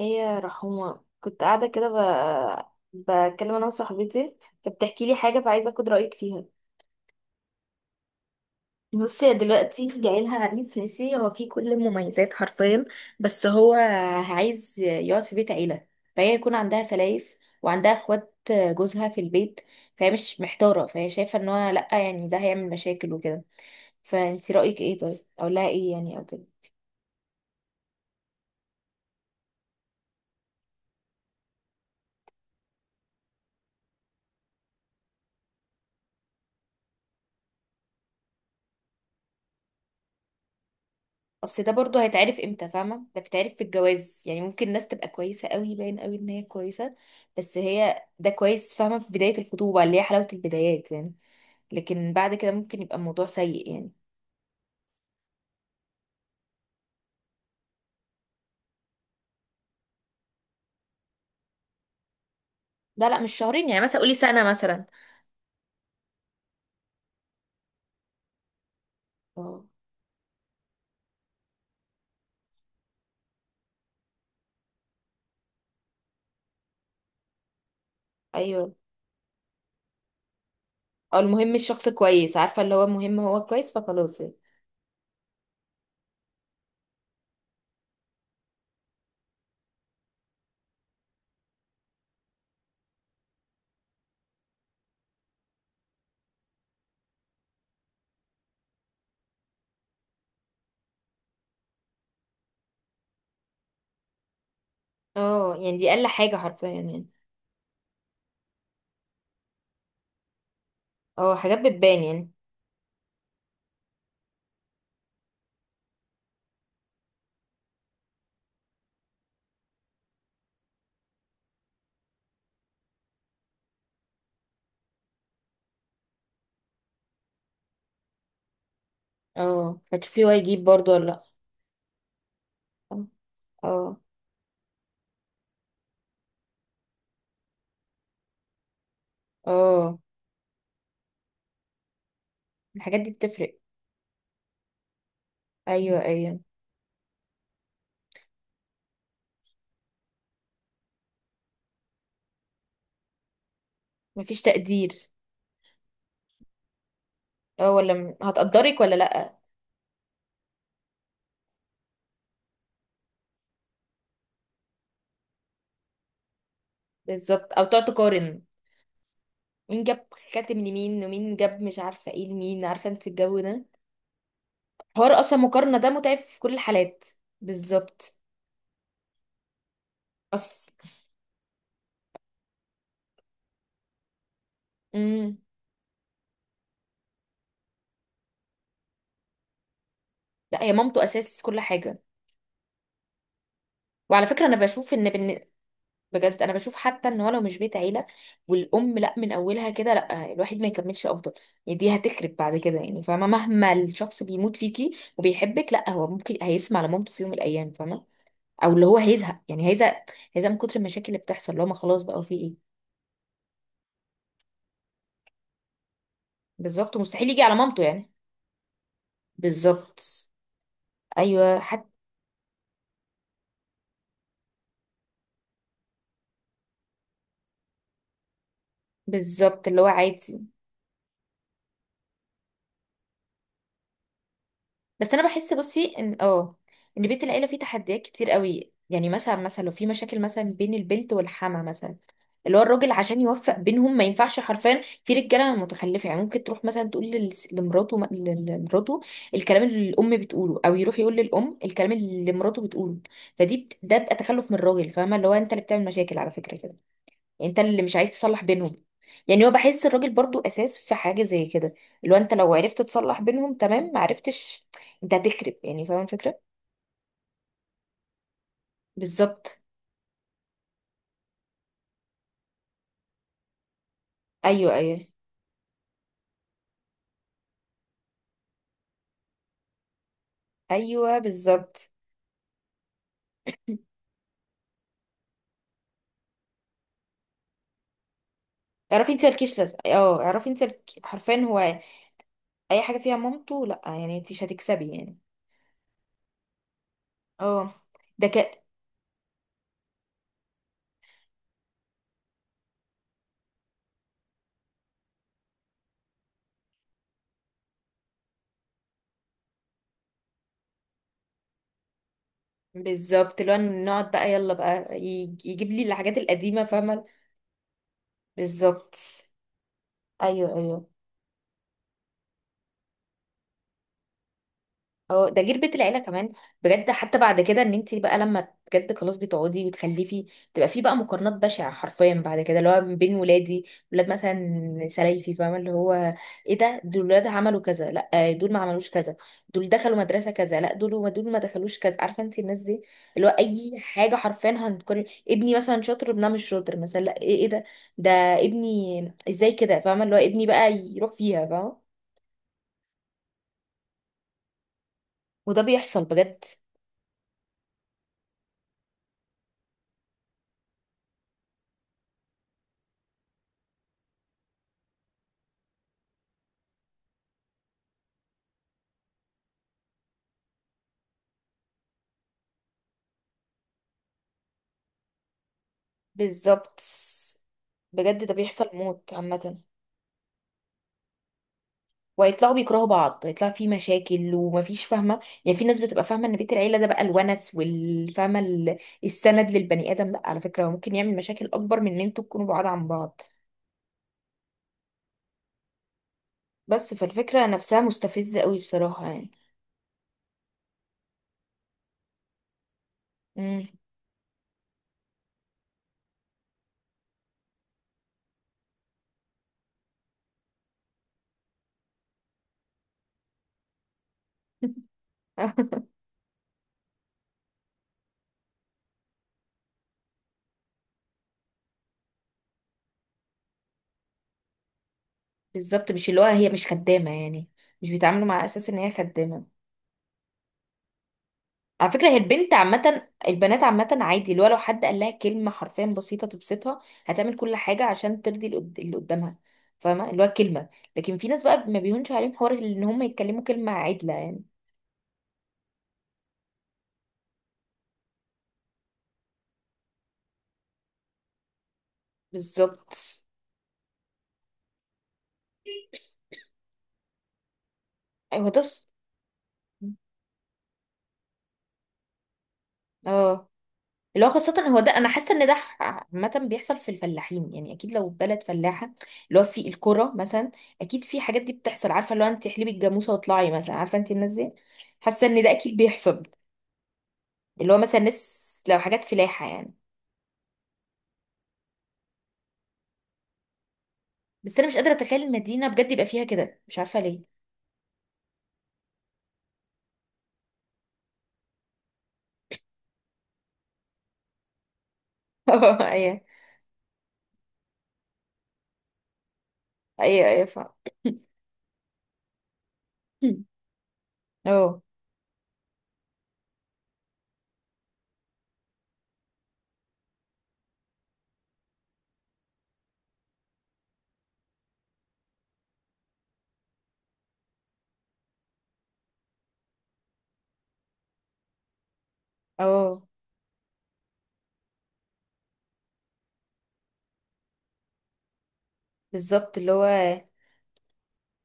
ايه يا رحومة، كنت قاعدة كده بتكلم انا وصاحبتي، فبتحكي لي حاجة، فعايزة اخد رأيك فيها. بصي، هي دلوقتي جايلها عريس ماشي، هو فيه كل المميزات حرفيا، بس هو عايز يقعد في بيت عيلة، فهي يكون عندها سلايف، وعندها اخوات جوزها في البيت، فهي مش محتارة، فهي شايفة ان هو لأ، يعني ده هيعمل مشاكل وكده. فانتي رأيك ايه؟ طيب اقول لها ايه يعني، او كده؟ اصل ده برضو هيتعرف امتى، فاهمه؟ ده بيتعرف في الجواز، يعني ممكن الناس تبقى كويسه قوي، باين قوي ان هي كويسه. بس هي ده كويس، فاهمه، في بدايه الخطوبه، اللي هي حلاوه البدايات يعني. لكن بعد كده ممكن يبقى الموضوع سيء يعني. لا لا، مش شهرين، يعني مثلا قولي سنه مثلا. اه. ايوه. او المهم الشخص كويس، عارفه، اللي هو المهم هو كويس، فخلاص يعني. اه، يعني دي اقل حاجه حرفيا يعني. اه، حاجات بتبان يعني. اه، هتشوفي هو يجيب برضو ولا لا. اه. اه، الحاجات دي بتفرق. ايوه، ايوه، مفيش تقدير. اه، ولا هتقدرك ولا لأ. بالظبط، او تقعد تقارن. مين جاب كاتم لمين، ومين جاب مش عارفة ايه لمين، عارفة انت الجو ده. حوار اصلا، مقارنة ده متعب في كل الحالات. بالظبط. اصل. امم لا، هي مامته اساس كل حاجة. وعلى فكرة انا بشوف ان بجد انا بشوف حتى ان هو لو مش بيت عيلة والام، لا من اولها كده، لا الواحد ما يكملش افضل. يعني دي هتخرب بعد كده، يعني فاهمة مهما الشخص بيموت فيكي وبيحبك، لا هو ممكن هيسمع لمامته في يوم من الايام، فاهمة؟ او اللي هو هيزهق، يعني هيزهق. هيزهق من كتر المشاكل اللي بتحصل، اللي هو ما خلاص بقى في ايه. بالظبط، مستحيل يجي على مامته يعني. بالظبط. ايوه حتى. بالظبط اللي هو عادي. بس انا بحس، بصي، ان ان بيت العيله فيه تحديات كتير قوي. يعني مثلا لو في مشاكل مثلا بين البنت والحما مثلا، اللي هو الراجل عشان يوفق بينهم ما ينفعش حرفيا. في رجاله متخلفه، يعني ممكن تروح مثلا تقول لمراته الكلام اللي الام بتقوله، او يروح يقول للام الكلام اللي مراته بتقوله. ده بقى تخلف من الراجل، فاهمه؟ اللي هو انت اللي بتعمل مشاكل على فكره كده. يعني انت اللي مش عايز تصلح بينهم. يعني هو بحس الراجل برضو اساس في حاجه زي كده، اللي هو انت لو عرفت تصلح بينهم تمام، ما عرفتش انت هتخرب، يعني فاهم الفكره. بالظبط. ايوه، ايوه، ايوه، بالظبط، اعرفي انت مالكيش لازمه، اعرفي انت حرفيا هو اي حاجه فيها مامته لا، يعني انت مش هتكسبي يعني. اه. ده ك بالظبط، اللي هو نقعد بقى، يلا بقى يجيب لي الحاجات القديمه فاهمه. بالظبط. ايوه، ايوه. اه، ده غير بيت العيله كمان. بجد حتى بعد كده، ان انت بقى لما بجد خلاص بتقعدي وتخلفي، تبقى في بقى مقارنات بشعه حرفيا بعد كده، اللي هو بين ولادي، ولاد مثلا سلايفي، فاهمه؟ اللي هو ايه ده، دول ولاد عملوا كذا، لا دول ما عملوش كذا، دول دخلوا مدرسه كذا، لا دول ما دخلوش كذا، عارفه انت الناس دي. اللي هو اي حاجه حرفيا هنقارن، ابني مثلا شاطر، ابنها مش شاطر مثلا، لا ايه، ايه ده؟ ده ابني ازاي كده، فاهمه؟ اللي هو ابني بقى يروح فيها، فاهمه؟ وده بيحصل بجد. بالظبط، بجد ده بيحصل موت عامة. ويطلعوا بيكرهوا بعض، يطلع في مشاكل ومفيش، فاهمة؟ يعني في ناس بتبقى فاهمة ان بيت العيلة ده بقى الونس، والفاهمة السند للبني آدم، لا على فكرة هو ممكن يعمل مشاكل أكبر من ان انتوا تكونوا بعاد عن بعض. بس فالفكرة نفسها مستفزة قوي بصراحة يعني. مم. بالظبط، مش اللي هو هي مش خدامة يعني، مش بيتعاملوا مع أساس ان هي خدامة. على فكرة هي البنت عامة، البنات عامة عادي، اللي هو لو حد قال لها كلمة حرفيا بسيطة تبسطها، هتعمل كل حاجة عشان ترضي اللي قدامها، فاهمة؟ اللي هو كلمة. لكن في ناس بقى ما بيهونش عليهم حوار ان هم يتكلموا كلمة عدلة يعني. بالظبط. ايوه. اه، اللي هو خاصة هو ده، انا حاسة ان ده عامة بيحصل في الفلاحين، يعني اكيد لو بلد فلاحة، اللي هو في الكرة مثلا، اكيد في حاجات دي بتحصل، عارفة اللي هو انت احلبي الجاموسة واطلعي مثلا، عارفة انت الناس دي. حاسة ان ده اكيد بيحصل، اللي هو مثلا ناس لو حاجات فلاحة يعني. بس انا مش قادرة اتخيل المدينة بجد يبقى فيها كده، مش عارفة ليه. اه. ايوه. ايوه، ايوه، فاهم. اه. اه، بالظبط، اللي هو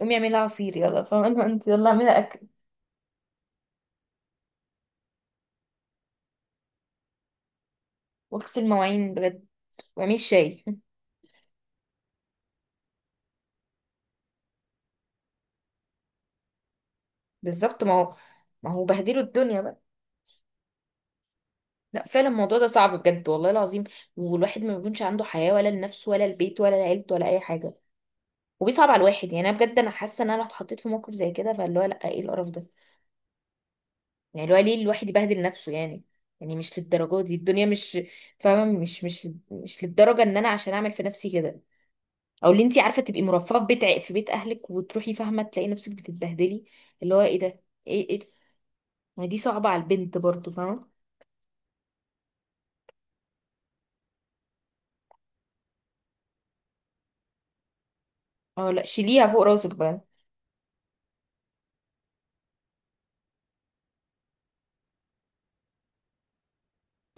قومي اعملي عصير يلا، فاهمة؟ انت يلا اعملي اكل واغسل المواعين بجد واعملي شاي. بالظبط. ما هو بهدلوا الدنيا بقى. لا فعلا الموضوع ده صعب بجد، والله العظيم. والواحد ما بيكونش عنده حياة، ولا لنفسه ولا البيت ولا لعيلته ولا اي حاجة. وبيصعب على الواحد. يعني انا بجد، انا حاسه ان انا لو اتحطيت في موقف زي كده فاللي هو لا، ايه القرف ده؟ يعني اللي هو ليه الواحد يبهدل نفسه يعني. يعني مش للدرجة دي الدنيا، مش فاهمة، مش للدرجة ان انا عشان اعمل في نفسي كده، او اللي انتي عارفة تبقي مرفهة في في بيت اهلك وتروحي، فاهمة؟ تلاقي نفسك بتتبهدلي. اللي هو ايه ده، ايه ايه ده؟ ما دي صعبة على البنت برضو، فاهمة؟ اه، لا شيليها فوق راسك بقى.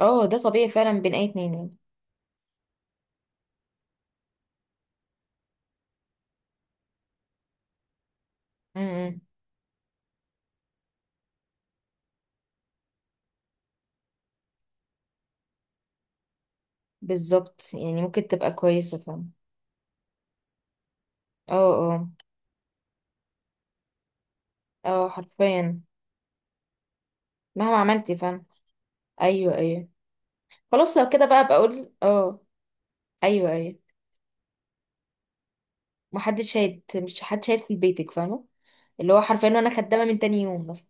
اه، ده طبيعي فعلا بين اي اتنين يعني. امم. بالظبط، يعني ممكن تبقى كويسة، فاهمة. اه، اه، اه، حرفيا مهما عملتي، فاهمة. ايوه، ايوه، خلاص لو كده بقى بقول اه. ايوه، ايوه، ما حدش شايت مش حد شايت في بيتك، فاهمه؟ اللي هو حرفيا انا خدامه من تاني يوم مثلا.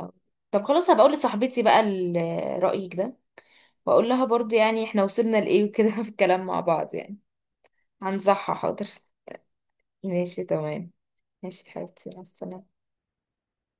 أو- طب خلاص، هبقى اقول لصاحبتي بقى رايك ده، واقول لها برضو يعني احنا وصلنا لايه وكده في الكلام مع بعض يعني. هنصحها، حاضر. ماشي، تمام. ماشي حبيبتي، مع السلامه.